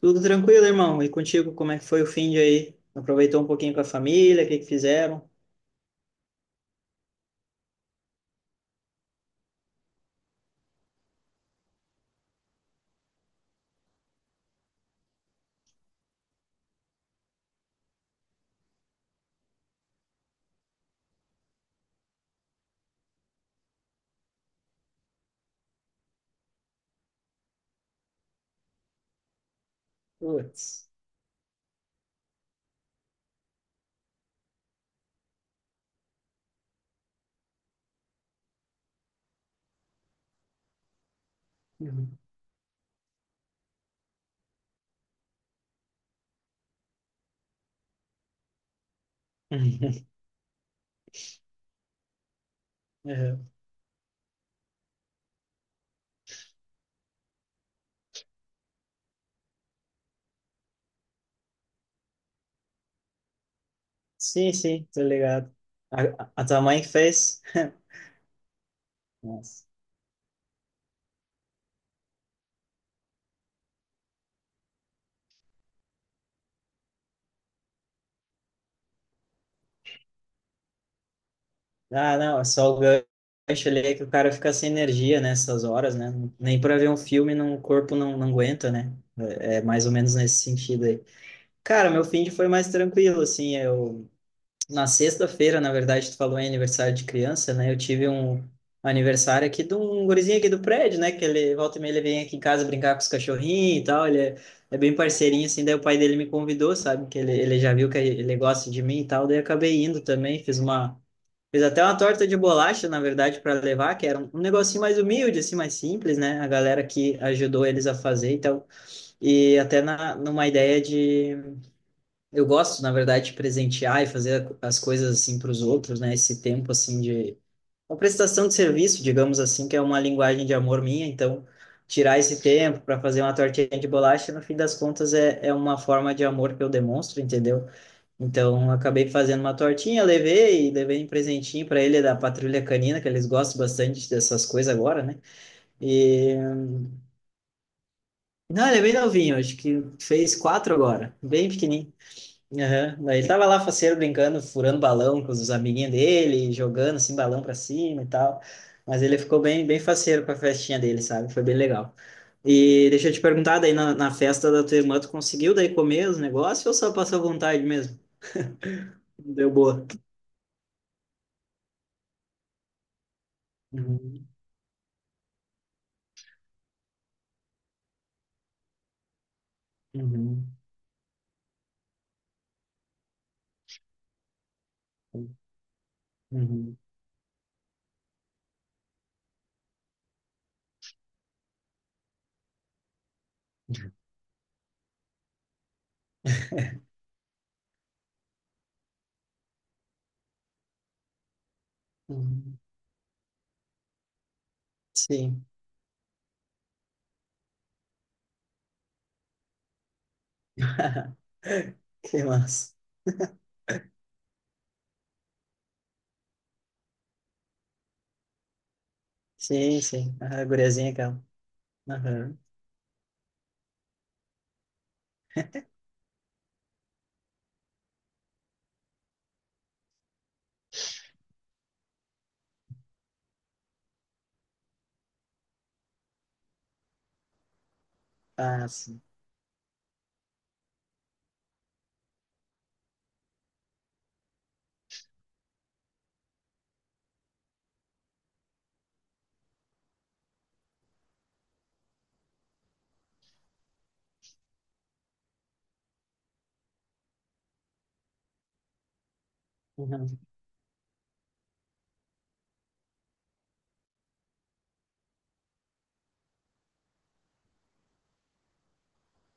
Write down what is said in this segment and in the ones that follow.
Tudo tranquilo, irmão? E contigo, como é que foi o fim de aí? Aproveitou um pouquinho com a família? O que que fizeram? Putz. Uhum. Uhum. Sim, sim, tô ligado. A tua mãe que fez? Nossa. Ah, não, é só o gancho ali que o cara fica sem energia nessas horas, né? Nem pra ver um filme, não, o corpo não aguenta, né? É mais ou menos nesse sentido aí. Cara, meu fim de foi mais tranquilo, assim, eu. Na sexta-feira, na verdade, tu falou em aniversário de criança, né? Eu tive um aniversário aqui de um gurizinho aqui do prédio, né? Que ele volta e meia ele vem aqui em casa brincar com os cachorrinhos e tal. Ele é bem parceirinho, assim. Daí o pai dele me convidou, sabe? Que ele já viu que ele gosta de mim e tal. Daí eu acabei indo também. Fiz até uma torta de bolacha, na verdade, para levar, que era um negocinho mais humilde, assim, mais simples, né? A galera que ajudou eles a fazer e tal. E até numa ideia de eu gosto, na verdade, de presentear e fazer as coisas assim para os outros, né? Esse tempo assim de uma prestação de serviço, digamos assim, que é uma linguagem de amor minha. Então, tirar esse tempo para fazer uma tortinha de bolacha, no fim das contas, é uma forma de amor que eu demonstro, entendeu? Então, eu acabei fazendo uma tortinha, levei e levei um presentinho para ele da Patrulha Canina, que eles gostam bastante dessas coisas agora, né? E não, ele é bem novinho, acho que fez quatro agora, bem pequenininho. Aham. Daí ele tava lá faceiro brincando, furando balão com os amiguinhos dele, jogando assim balão pra cima e tal. Mas ele ficou bem, bem faceiro com a festinha dele, sabe? Foi bem legal. E deixa eu te perguntar, daí na festa da tua irmã, tu conseguiu daí comer os negócios ou só passou vontade mesmo? Deu boa. Uhum, uhum, uhum, uhum. Sim, que massa. Sim, sim. A guriazinha aquela. Aham. Ah, sim.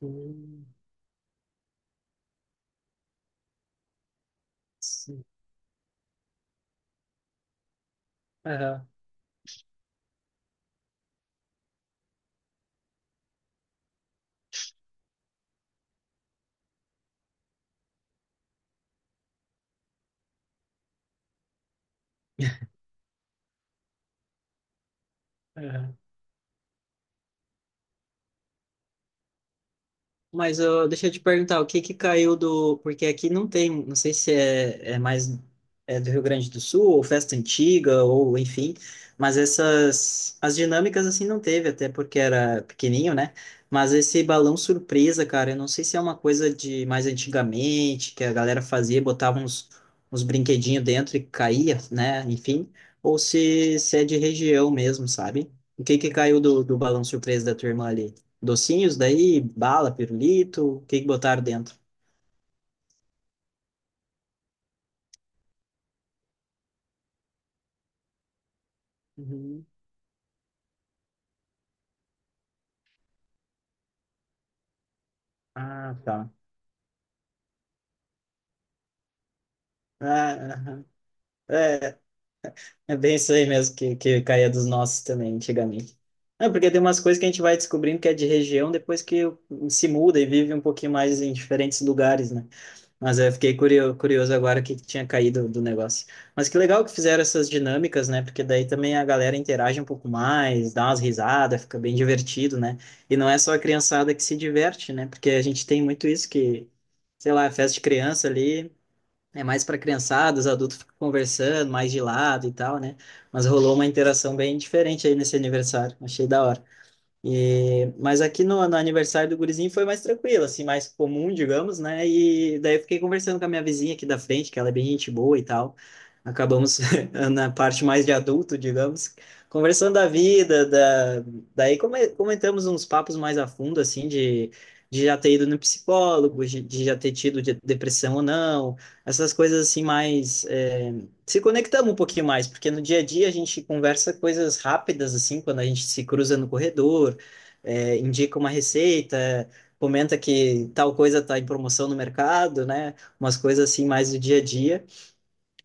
Uhum. Sim. Aham. Mas eu, deixa eu te perguntar, o que que caiu do. Porque aqui não tem, não sei se é mais é do Rio Grande do Sul, ou festa antiga, ou enfim, mas essas. As dinâmicas assim não teve, até porque era pequenininho, né? Mas esse balão surpresa, cara, eu não sei se é uma coisa de mais antigamente, que a galera fazia, botava uns brinquedinhos dentro e caía, né? Enfim, ou se é de região mesmo, sabe? O que que caiu do balão surpresa da tua irmã ali? Docinhos daí, bala, pirulito, o que que botaram dentro? Uhum. Ah, tá. Ah, aham. é, é bem isso aí mesmo que caía dos nossos também, antigamente. É, porque tem umas coisas que a gente vai descobrindo que é de região depois que se muda e vive um pouquinho mais em diferentes lugares, né? Mas eu fiquei curioso agora o que que tinha caído do negócio. Mas que legal que fizeram essas dinâmicas, né? Porque daí também a galera interage um pouco mais, dá umas risadas, fica bem divertido, né? E não é só a criançada que se diverte, né? Porque a gente tem muito isso que, sei lá, é festa de criança ali é mais para criançada, os adultos ficam conversando mais de lado e tal, né? Mas rolou uma interação bem diferente aí nesse aniversário. Achei da hora. E, mas aqui no aniversário do gurizinho foi mais tranquilo, assim, mais comum, digamos, né? E daí eu fiquei conversando com a minha vizinha aqui da frente, que ela é bem gente boa e tal. Acabamos na parte mais de adulto, digamos, conversando da vida, da. Daí comentamos uns papos mais a fundo, assim, de já ter ido no psicólogo, de já ter tido depressão ou não, essas coisas assim mais. É, se conectamos um pouquinho mais, porque no dia a dia a gente conversa coisas rápidas, assim, quando a gente se cruza no corredor, é, indica uma receita, comenta que tal coisa está em promoção no mercado, né? Umas coisas assim mais do dia a dia.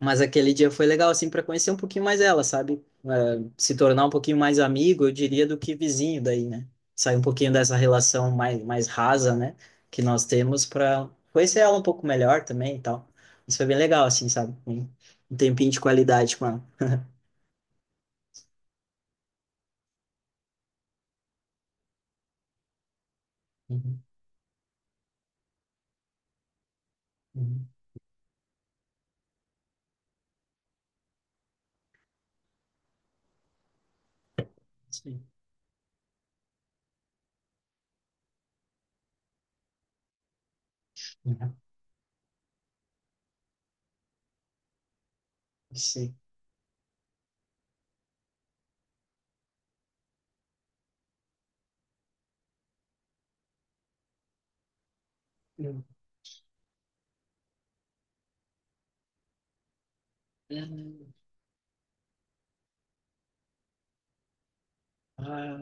Mas aquele dia foi legal assim para conhecer um pouquinho mais ela, sabe? É, se tornar um pouquinho mais amigo, eu diria, do que vizinho daí, né? Sair um pouquinho dessa relação mais rasa, né? Que nós temos para conhecer ela um pouco melhor também e tal. Isso foi bem legal, assim, sabe? Um tempinho de qualidade com ela. Uhum, uhum, sim, uhum, sim. Uhum. Ah,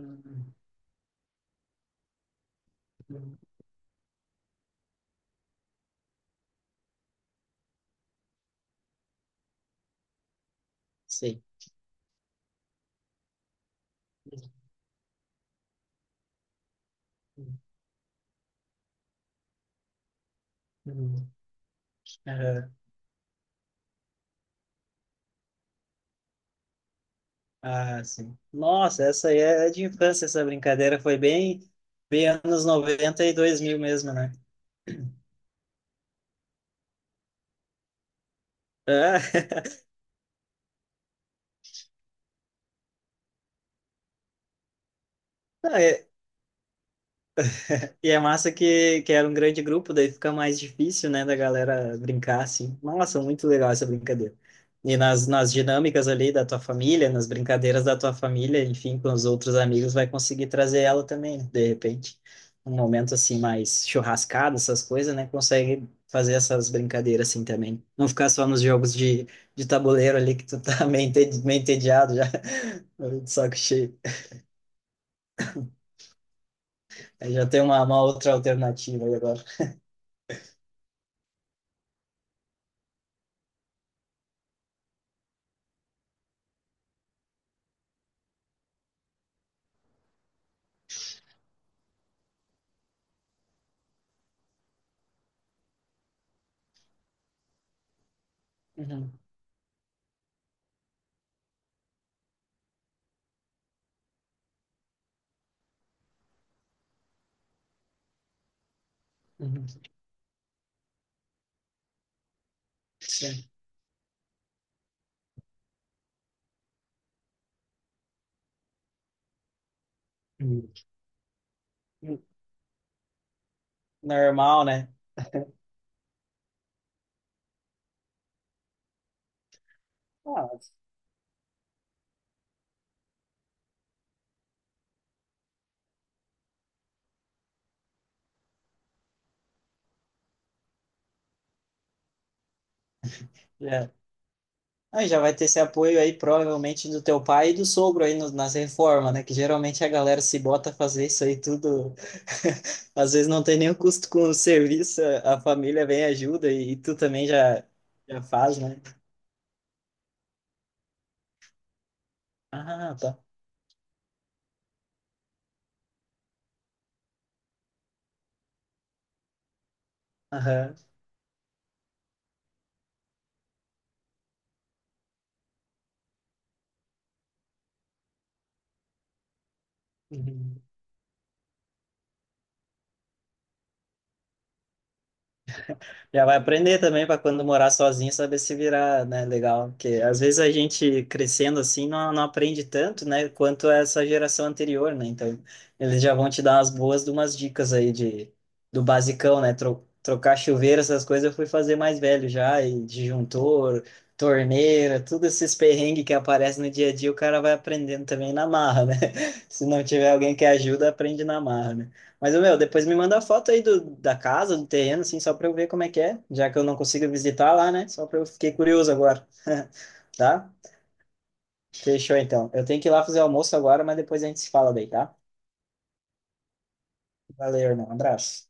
uhum. Sei. Uhum. Aham. Ah, sim. Nossa, essa aí é de infância, essa brincadeira foi bem, bem anos 90 e 2000 mesmo, né? Ah, e é massa que era um grande grupo, daí fica mais difícil, né, da galera brincar assim. Nossa, muito legal essa brincadeira. E nas dinâmicas ali da tua família, nas brincadeiras da tua família, enfim, com os outros amigos, vai conseguir trazer ela também, né? De repente. Um momento assim mais churrascado, essas coisas, né, consegue fazer essas brincadeiras assim também. Não ficar só nos jogos de tabuleiro ali que tu tá meio meio entediado já, de saco cheio. Aí já tem uma outra alternativa aí agora. Uhum, uhum. Sim. Normal, né? Ah, já. Aí já vai ter esse apoio aí, provavelmente, do teu pai e do sogro aí nas reformas, né? Que geralmente a galera se bota a fazer isso aí tudo. Às vezes não tem nenhum custo com o serviço, a família vem e ajuda e, tu também já faz, né? Ah, tá. Aham. Uhum. Já vai aprender também para quando morar sozinho saber se virar, né? Legal. Porque às vezes a gente crescendo assim não aprende tanto, né? Quanto essa geração anterior, né? Então eles já vão te dar umas boas de umas dicas aí do basicão, né? Trocar chuveiro, essas coisas eu fui fazer mais velho já, e disjuntor, torneira, tudo esses perrengues que aparecem no dia a dia, o cara vai aprendendo também na marra, né? Se não tiver alguém que ajuda, aprende na marra, né? Mas, meu, depois me manda a foto aí da casa, do terreno, assim, só pra eu ver como é que é, já que eu não consigo visitar lá, né? Só pra eu fiquei curioso agora, tá? Fechou, então. Eu tenho que ir lá fazer almoço agora, mas depois a gente se fala daí, tá? Valeu, irmão. Abraço.